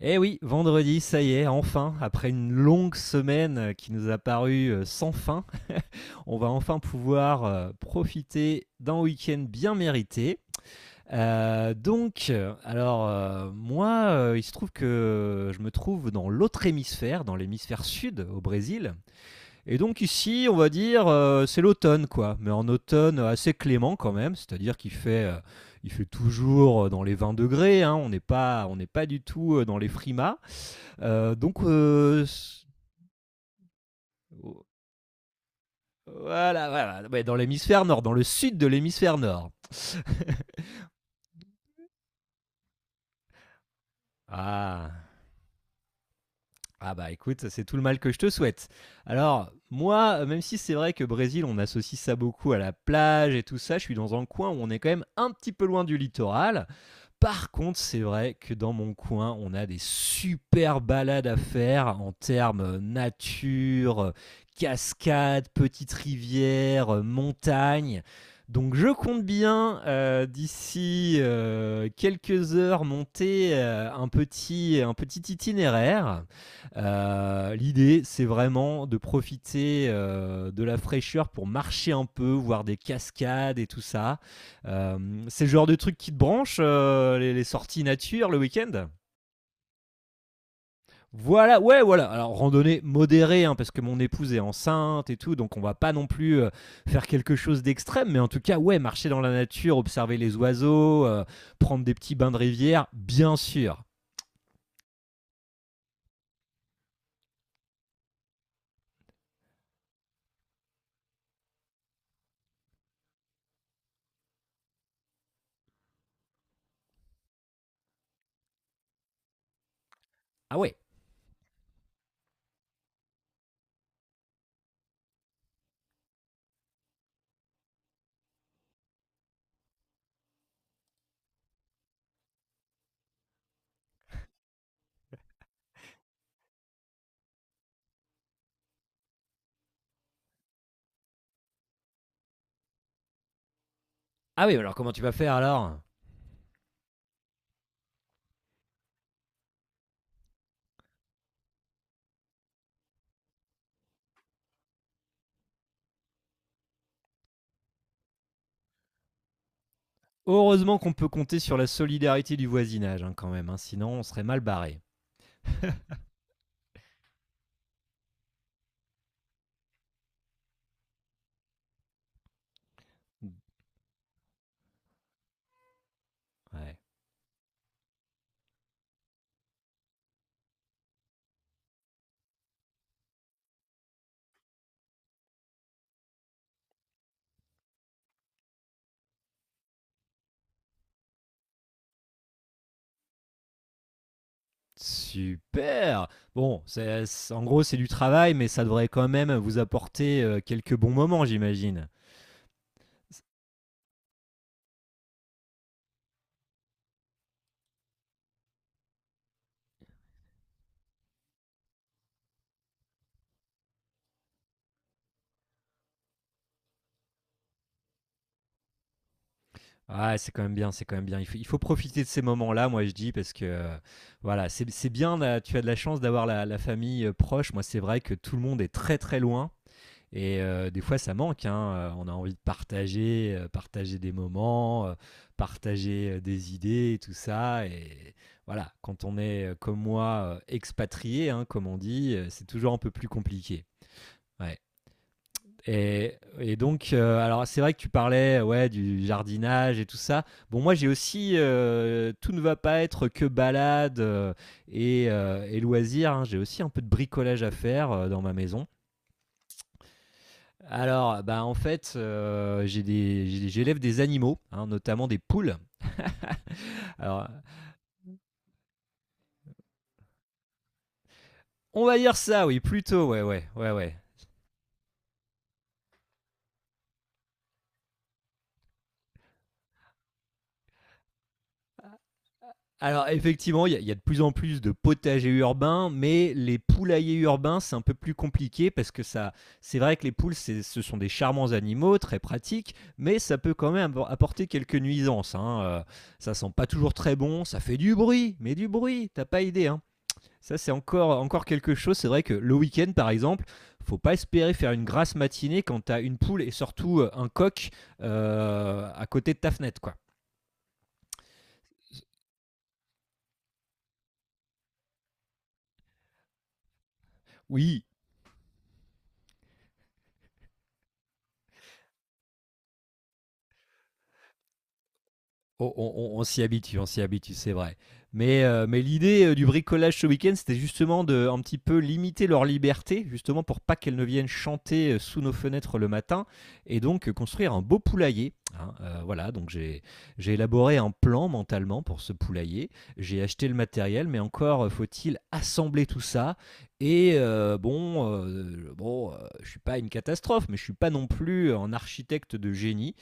Eh oui, vendredi, ça y est, enfin, après une longue semaine qui nous a paru sans fin, on va enfin pouvoir profiter d'un week-end bien mérité. Moi, il se trouve que je me trouve dans l'autre hémisphère, dans l'hémisphère sud, au Brésil. Et donc ici, on va dire, c'est l'automne, quoi. Mais en automne assez clément quand même, c'est-à-dire qu'il fait il fait toujours dans les 20 degrés, hein, on n'est pas du tout dans les frimas. Euh, donc, euh, voilà, voilà. Ouais, dans l'hémisphère nord, dans le sud de l'hémisphère nord. Ah. Ah bah écoute, c'est tout le mal que je te souhaite. Alors, moi, même si c'est vrai que Brésil, on associe ça beaucoup à la plage et tout ça, je suis dans un coin où on est quand même un petit peu loin du littoral. Par contre, c'est vrai que dans mon coin, on a des super balades à faire en termes nature, cascades, petites rivières, montagnes. Donc je compte bien d'ici quelques heures monter un petit itinéraire. L'idée c'est vraiment de profiter de la fraîcheur pour marcher un peu, voir des cascades et tout ça. C'est le genre de truc qui te branche, les sorties nature le week-end. Voilà, ouais, voilà. Alors, randonnée modérée, hein, parce que mon épouse est enceinte et tout, donc on va pas non plus faire quelque chose d'extrême, mais en tout cas, ouais, marcher dans la nature, observer les oiseaux, prendre des petits bains de rivière, bien sûr. Ah ouais, ah ouais, alors comment tu vas faire alors? Heureusement qu'on peut compter sur la solidarité du voisinage, hein, quand même, hein, sinon on serait mal barré. Ouais. Super. Bon, en gros, c'est du travail, mais ça devrait quand même vous apporter quelques bons moments, j'imagine. Ah, c'est quand même bien, c'est quand même bien. Il faut profiter de ces moments-là, moi je dis, parce que voilà, c'est bien, là, tu as de la chance d'avoir la famille proche. Moi, c'est vrai que tout le monde est très très loin. Et des fois, ça manque, hein. On a envie de partager, partager des moments, partager des idées, et tout ça. Et voilà, quand on est comme moi, expatrié, hein, comme on dit, c'est toujours un peu plus compliqué. Ouais. Et donc, alors c'est vrai que tu parlais ouais, du jardinage et tout ça. Bon, moi j'ai aussi, tout ne va pas être que balade et loisirs, hein. J'ai aussi un peu de bricolage à faire dans ma maison. Alors, bah en fait, j'ai des- j'ai- j'élève des animaux, hein, notamment des poules. Alors, on va dire ça, oui, plutôt, ouais, ouais, ouais, ouais. Alors, effectivement, il y a de plus en plus de potagers urbains, mais les poulaillers urbains, c'est un peu plus compliqué parce que ça, c'est vrai que les poules, ce sont des charmants animaux, très pratiques, mais ça peut quand même apporter quelques nuisances, hein. Ça sent pas toujours très bon, ça fait du bruit, mais du bruit, t'as pas idée, hein. Ça, c'est encore, encore quelque chose. C'est vrai que le week-end, par exemple, faut pas espérer faire une grasse matinée quand tu as une poule et surtout un coq à côté de ta fenêtre, quoi. Oui, on s'y habitue, c'est vrai. Mais l'idée du bricolage ce week-end, c'était justement de un petit peu limiter leur liberté, justement pour pas qu'elles ne viennent chanter sous nos fenêtres le matin, et donc construire un beau poulailler, hein. Voilà, donc j'ai élaboré un plan mentalement pour ce poulailler. J'ai acheté le matériel, mais encore faut-il assembler tout ça. Et euh, bon, euh, bon, euh, je suis pas une catastrophe, mais je suis pas non plus un architecte de génie.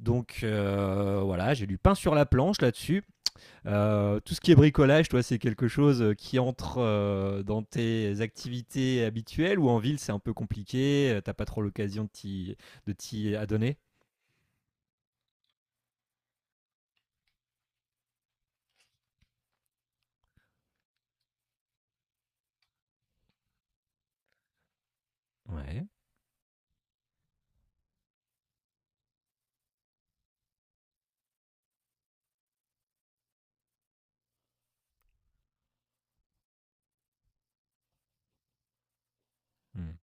Voilà, j'ai du pain sur la planche là-dessus. Tout ce qui est bricolage, toi, c'est quelque chose qui entre dans tes activités habituelles ou en ville, c'est un peu compliqué, t'as pas trop l'occasion de t'y adonner. Ouais. Hmm.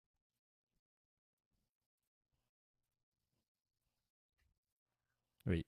Oui.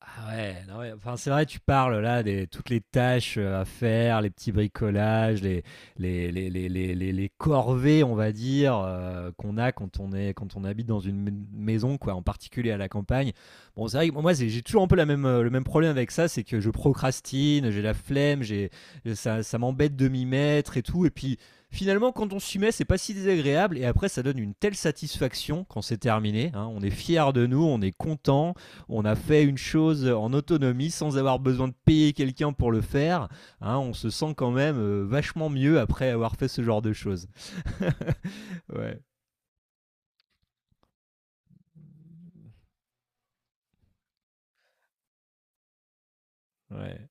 Ah ouais, non, ouais. Enfin, c'est vrai, tu parles là des toutes les tâches à faire, les petits bricolages, les corvées, on va dire, qu'on a quand quand on habite dans une maison, quoi, en particulier à la campagne. Bon, c'est vrai que moi, j'ai toujours un peu la même, le même problème avec ça, c'est que je procrastine, j'ai la flemme, ça, ça m'embête de m'y mettre et tout. Et puis, finalement, quand on s'y met, c'est pas si désagréable. Et après, ça donne une telle satisfaction quand c'est terminé, hein. On est fier de nous, on est content, on a fait une chose en autonomie sans avoir besoin de payer quelqu'un pour le faire. Hein, on se sent quand même vachement mieux après avoir fait ce genre de choses. ouais, ouais.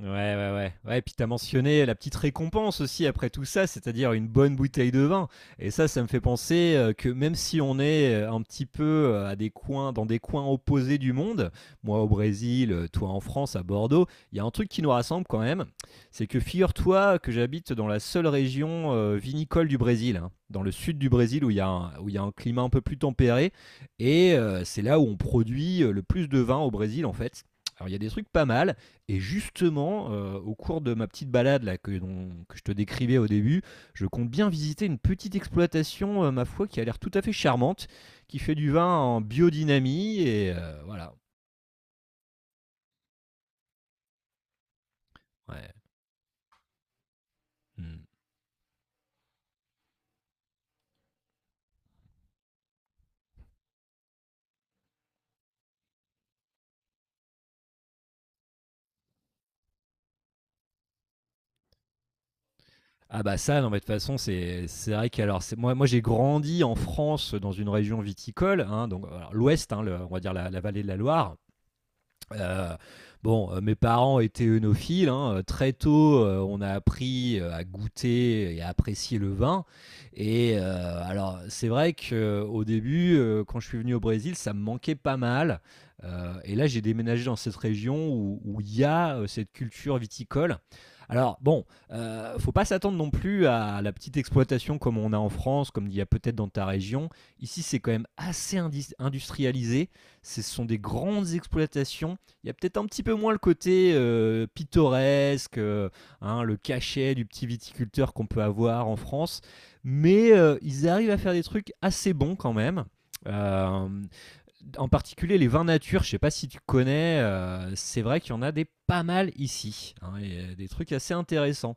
Ouais. Ouais, et puis t'as mentionné la petite récompense aussi après tout ça, c'est-à-dire une bonne bouteille de vin. Et ça me fait penser que même si on est un petit peu dans des coins opposés du monde, moi au Brésil, toi en France, à Bordeaux, il y a un truc qui nous rassemble quand même, c'est que figure-toi que j'habite dans la seule région vinicole du Brésil, hein, dans le sud du Brésil où il y a un climat un peu plus tempéré, et c'est là où on produit le plus de vin au Brésil en fait. Alors il y a des trucs pas mal. Et justement, au cours de ma petite balade là que dont que je te décrivais au début, je compte bien visiter une petite exploitation, ma foi qui a l'air tout à fait charmante, qui fait du vin en biodynamie et voilà, ouais, mmh. Ah bah ça, non mais de toute façon c'est vrai qu'alors c'est moi moi j'ai grandi en France, dans une région viticole, hein, donc alors l'ouest, hein, le on va dire la vallée de la Loire. Heu, bon, mes parents étaient œnophiles, hein, très tôt, on a appris, à goûter et à apprécier le vin et alors c'est vrai qu'au début, quand je suis venu au Brésil, ça me manquait pas mal, heu et là j'ai déménagé dans cette région où il y a, cette culture viticole. Alors bon, faut pas s'attendre non plus à la petite exploitation comme on a en France, comme il y a peut-être dans ta région. Ici, c'est quand même assez indis industrialisé. Ce sont des grandes exploitations, il y a peut-être un petit peu moins le côté pittoresque, hein, le cachet du petit viticulteur qu'on peut avoir en France, mais ils arrivent à faire des trucs assez bons quand même. Euh, En particulier les vins nature, je ne sais pas si tu connais, c'est vrai qu'il y en a des pas mal ici, hein, des trucs assez intéressants.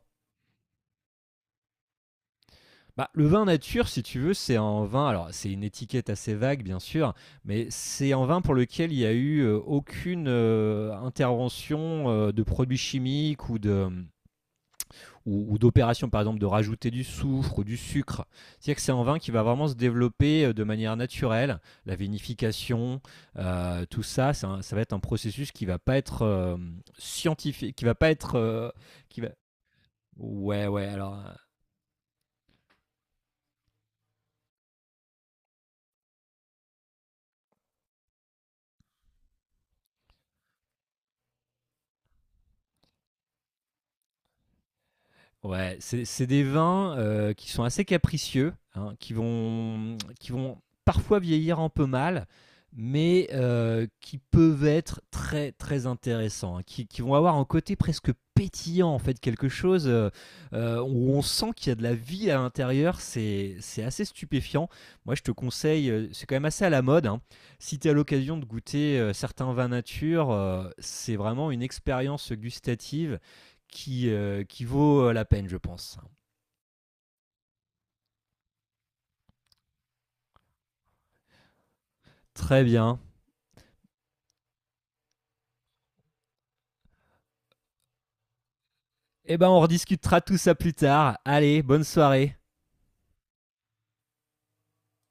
Bah, le vin nature, si tu veux, c'est un vin, alors c'est une étiquette assez vague bien sûr, mais c'est un vin pour lequel il n'y a eu aucune intervention de produits chimiques ou d'opération par exemple de rajouter du soufre ou du sucre. C'est-à-dire que c'est un vin qui va vraiment se développer de manière naturelle, la vinification, tout ça, ça va être un processus qui va pas être scientifique, qui va pas être qui va Ouais, ouais, alors ouais, c'est des vins qui sont assez capricieux, hein, qui vont parfois vieillir un peu mal, mais qui peuvent être très très intéressants, hein, qui vont avoir un côté presque pétillant en fait, quelque chose où on sent qu'il y a de la vie à l'intérieur, c'est assez stupéfiant. Moi je te conseille, c'est quand même assez à la mode, hein. Si tu as l'occasion de goûter certains vins nature, c'est vraiment une expérience gustative qui vaut la peine, je pense. Très bien. Eh ben, on rediscutera tout ça plus tard. Allez, bonne soirée.